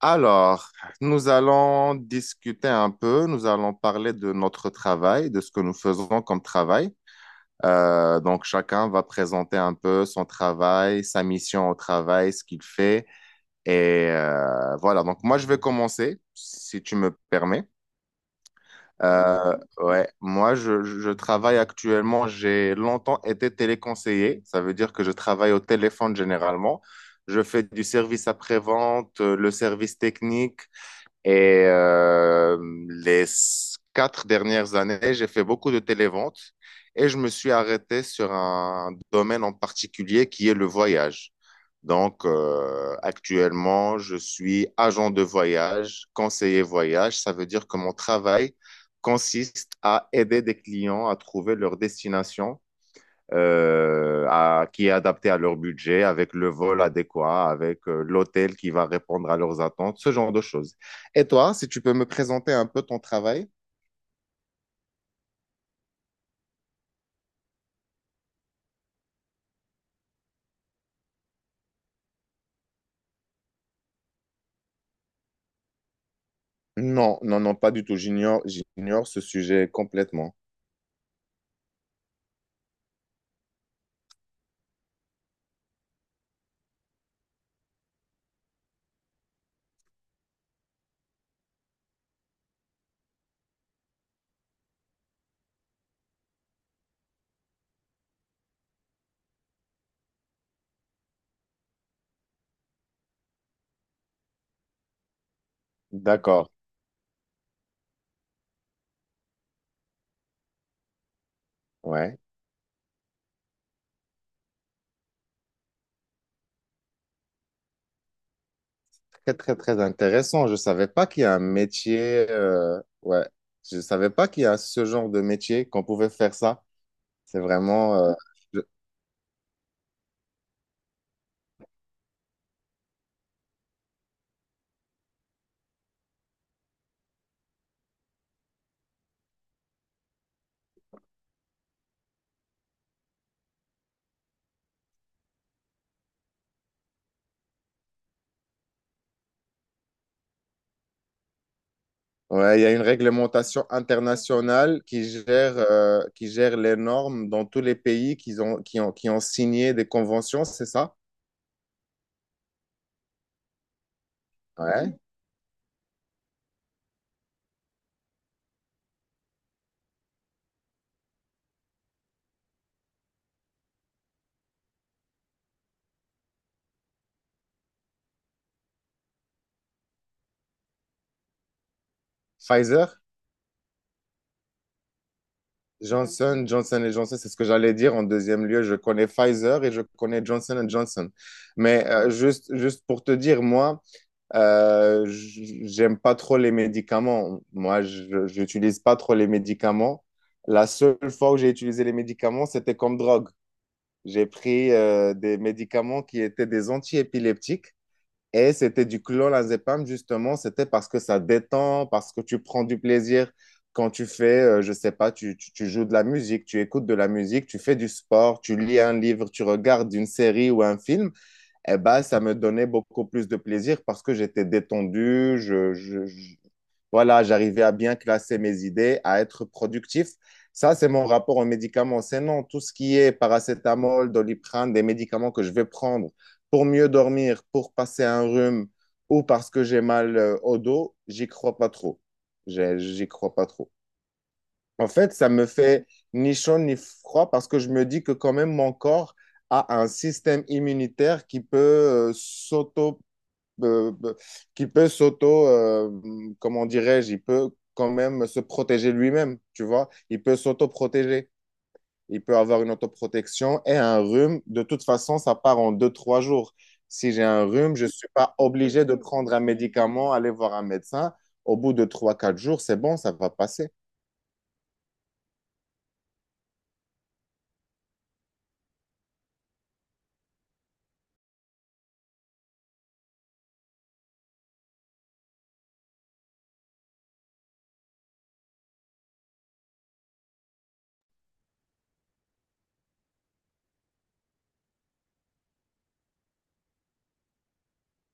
Alors, nous allons discuter un peu, nous allons parler de notre travail, de ce que nous faisons comme travail. Donc, chacun va présenter un peu son travail, sa mission au travail, ce qu'il fait. Et voilà, donc moi, je vais commencer, si tu me permets. Ouais, moi, je travaille actuellement, j'ai longtemps été téléconseiller, ça veut dire que je travaille au téléphone généralement. Je fais du service après-vente, le service technique. Et les quatre dernières années, j'ai fait beaucoup de télévente et je me suis arrêté sur un domaine en particulier qui est le voyage. Donc, actuellement, je suis agent de voyage, conseiller voyage. Ça veut dire que mon travail consiste à aider des clients à trouver leur destination qui est adapté à leur budget, avec le vol adéquat, avec l'hôtel qui va répondre à leurs attentes, ce genre de choses. Et toi, si tu peux me présenter un peu ton travail? Non, non, non, pas du tout. J'ignore, j'ignore ce sujet complètement. D'accord. Ouais. Très, très, très intéressant. Je savais pas qu'il y a un métier. Ouais. Je savais pas qu'il y a ce genre de métier qu'on pouvait faire ça. C'est vraiment. Ouais, il y a une réglementation internationale qui gère les normes dans tous les pays qui ont, qui ont signé des conventions, c'est ça? Ouais. Pfizer, Johnson, Johnson Johnson, c'est ce que j'allais dire en deuxième lieu. Je connais Pfizer et je connais Johnson Johnson. Mais juste pour te dire, moi, j'aime pas trop les médicaments. Moi, je j'utilise pas trop les médicaments. La seule fois où j'ai utilisé les médicaments, c'était comme drogue. J'ai pris des médicaments qui étaient des antiépileptiques et c'était du clonazepam justement. C'était parce que ça détend, parce que tu prends du plaisir quand tu fais, je sais pas, tu joues de la musique, tu écoutes de la musique, tu fais du sport, tu lis un livre, tu regardes une série ou un film. Eh ben, ça me donnait beaucoup plus de plaisir parce que j'étais détendu, voilà, j'arrivais à bien classer mes idées, à être productif. Ça, c'est mon rapport aux médicaments. C'est non, tout ce qui est paracétamol, doliprane, des médicaments que je vais prendre pour mieux dormir, pour passer un rhume ou parce que j'ai mal au dos, j'y crois pas trop. J'y crois pas trop. En fait, ça me fait ni chaud ni froid parce que je me dis que quand même mon corps a un système immunitaire qui peut s'auto, euh, qui peut s'auto, euh, comment dirais-je, il peut quand même se protéger lui-même, tu vois. Il peut s'auto-protéger. Il peut avoir une autoprotection et un rhume. De toute façon, ça part en deux, trois jours. Si j'ai un rhume, je ne suis pas obligé de prendre un médicament, aller voir un médecin. Au bout de trois, quatre jours, c'est bon, ça va passer.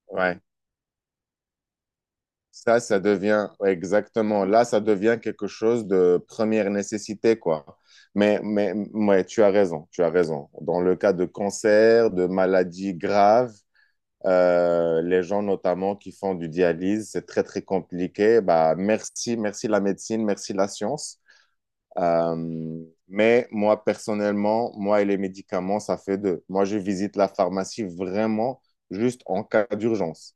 Ouais. Ça devient, ouais, exactement, là, ça devient quelque chose de première nécessité, quoi. Mais, ouais, tu as raison, tu as raison. Dans le cas de cancer, de maladies graves, les gens notamment qui font du dialyse, c'est très, très compliqué. Bah, merci, merci la médecine, merci la science. Euh, mais moi, personnellement, moi et les médicaments, ça fait deux. Moi, je visite la pharmacie vraiment juste en cas d'urgence.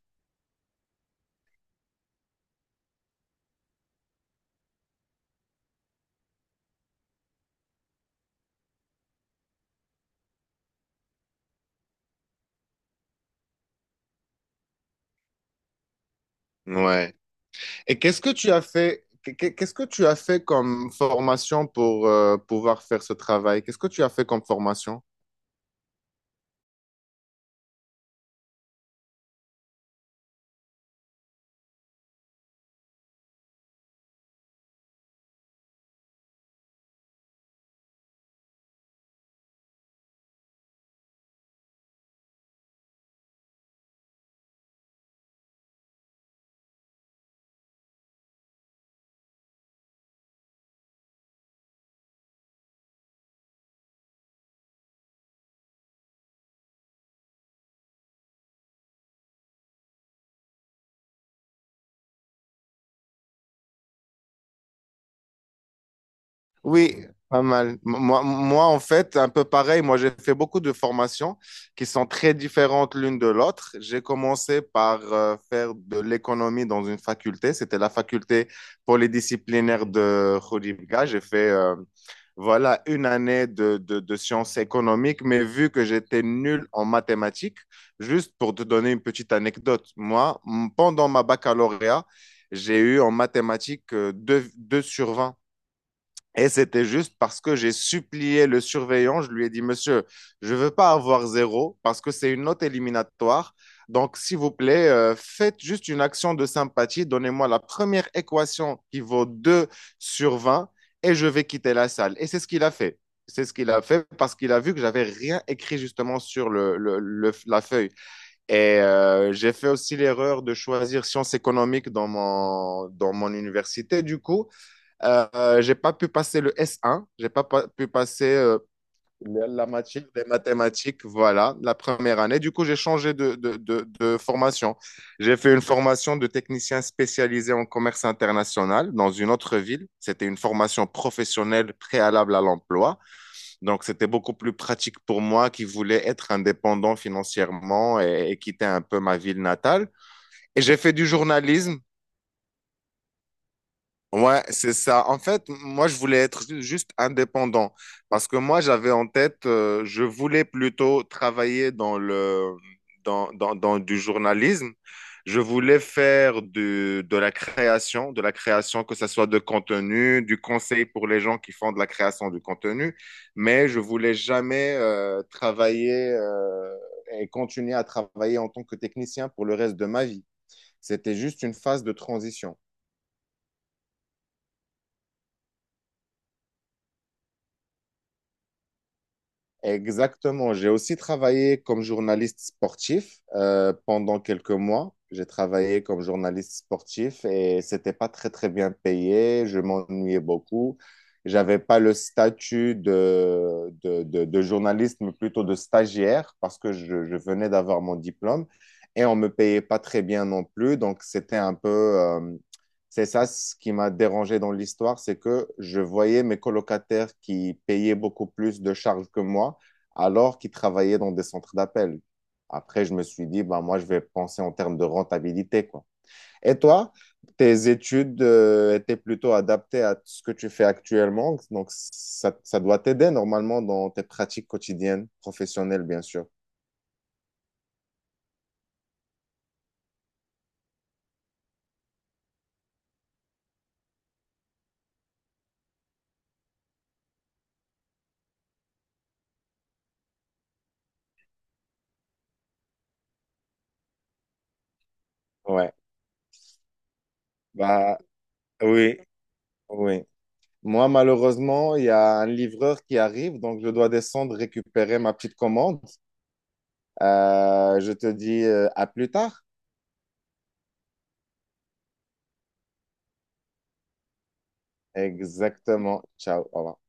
Ouais. Et qu'est-ce que tu as fait, qu'est-ce que tu as fait comme formation pour pouvoir faire ce travail? Qu'est-ce que tu as fait comme formation? Oui, pas mal. Moi, en fait, un peu pareil. Moi, j'ai fait beaucoup de formations qui sont très différentes l'une de l'autre. J'ai commencé par faire de l'économie dans une faculté. C'était la faculté polydisciplinaire de Khouribga. J'ai fait voilà, une année de sciences économiques, mais vu que j'étais nul en mathématiques, juste pour te donner une petite anecdote, moi, pendant ma baccalauréat, j'ai eu en mathématiques 2, 2 sur 20. Et c'était juste parce que j'ai supplié le surveillant. Je lui ai dit, Monsieur, je veux pas avoir zéro parce que c'est une note éliminatoire. Donc, s'il vous plaît, faites juste une action de sympathie. Donnez-moi la première équation qui vaut 2/20 et je vais quitter la salle. Et c'est ce qu'il a fait. C'est ce qu'il a fait parce qu'il a vu que j'avais rien écrit justement sur la feuille. Et j'ai fait aussi l'erreur de choisir sciences économiques dans mon université, du coup. J'ai pas pu passer le S1, j'ai pas pu passer la matière des mathématiques, voilà, la première année. Du coup, j'ai changé de formation. J'ai fait une formation de technicien spécialisé en commerce international dans une autre ville. C'était une formation professionnelle préalable à l'emploi. Donc, c'était beaucoup plus pratique pour moi qui voulais être indépendant financièrement et quitter un peu ma ville natale. Et j'ai fait du journalisme. Ouais, c'est ça. En fait, moi, je voulais être juste indépendant parce que moi, j'avais en tête, je voulais plutôt travailler dans le, dans, dans, dans du journalisme. Je voulais faire de la création, que ce soit de contenu, du conseil pour les gens qui font de la création du contenu, mais je voulais jamais travailler et continuer à travailler en tant que technicien pour le reste de ma vie. C'était juste une phase de transition. Exactement. J'ai aussi travaillé comme journaliste sportif pendant quelques mois. J'ai travaillé comme journaliste sportif et c'était pas très très bien payé. Je m'ennuyais beaucoup. J'avais pas le statut de journaliste, mais plutôt de stagiaire parce que je venais d'avoir mon diplôme et on me payait pas très bien non plus. Donc c'était un peu, c'est ça ce qui m'a dérangé dans l'histoire, c'est que je voyais mes colocataires qui payaient beaucoup plus de charges que moi, alors qu'ils travaillaient dans des centres d'appel. Après, je me suis dit, bah, moi, je vais penser en termes de rentabilité, quoi. Et toi, tes études, étaient plutôt adaptées à ce que tu fais actuellement, donc ça doit t'aider normalement dans tes pratiques quotidiennes, professionnelles, bien sûr. Ouais, bah oui, oui. Moi, malheureusement, il y a un livreur qui arrive, donc je dois descendre récupérer ma petite commande. Je te dis à plus tard. Exactement. Ciao. Au revoir.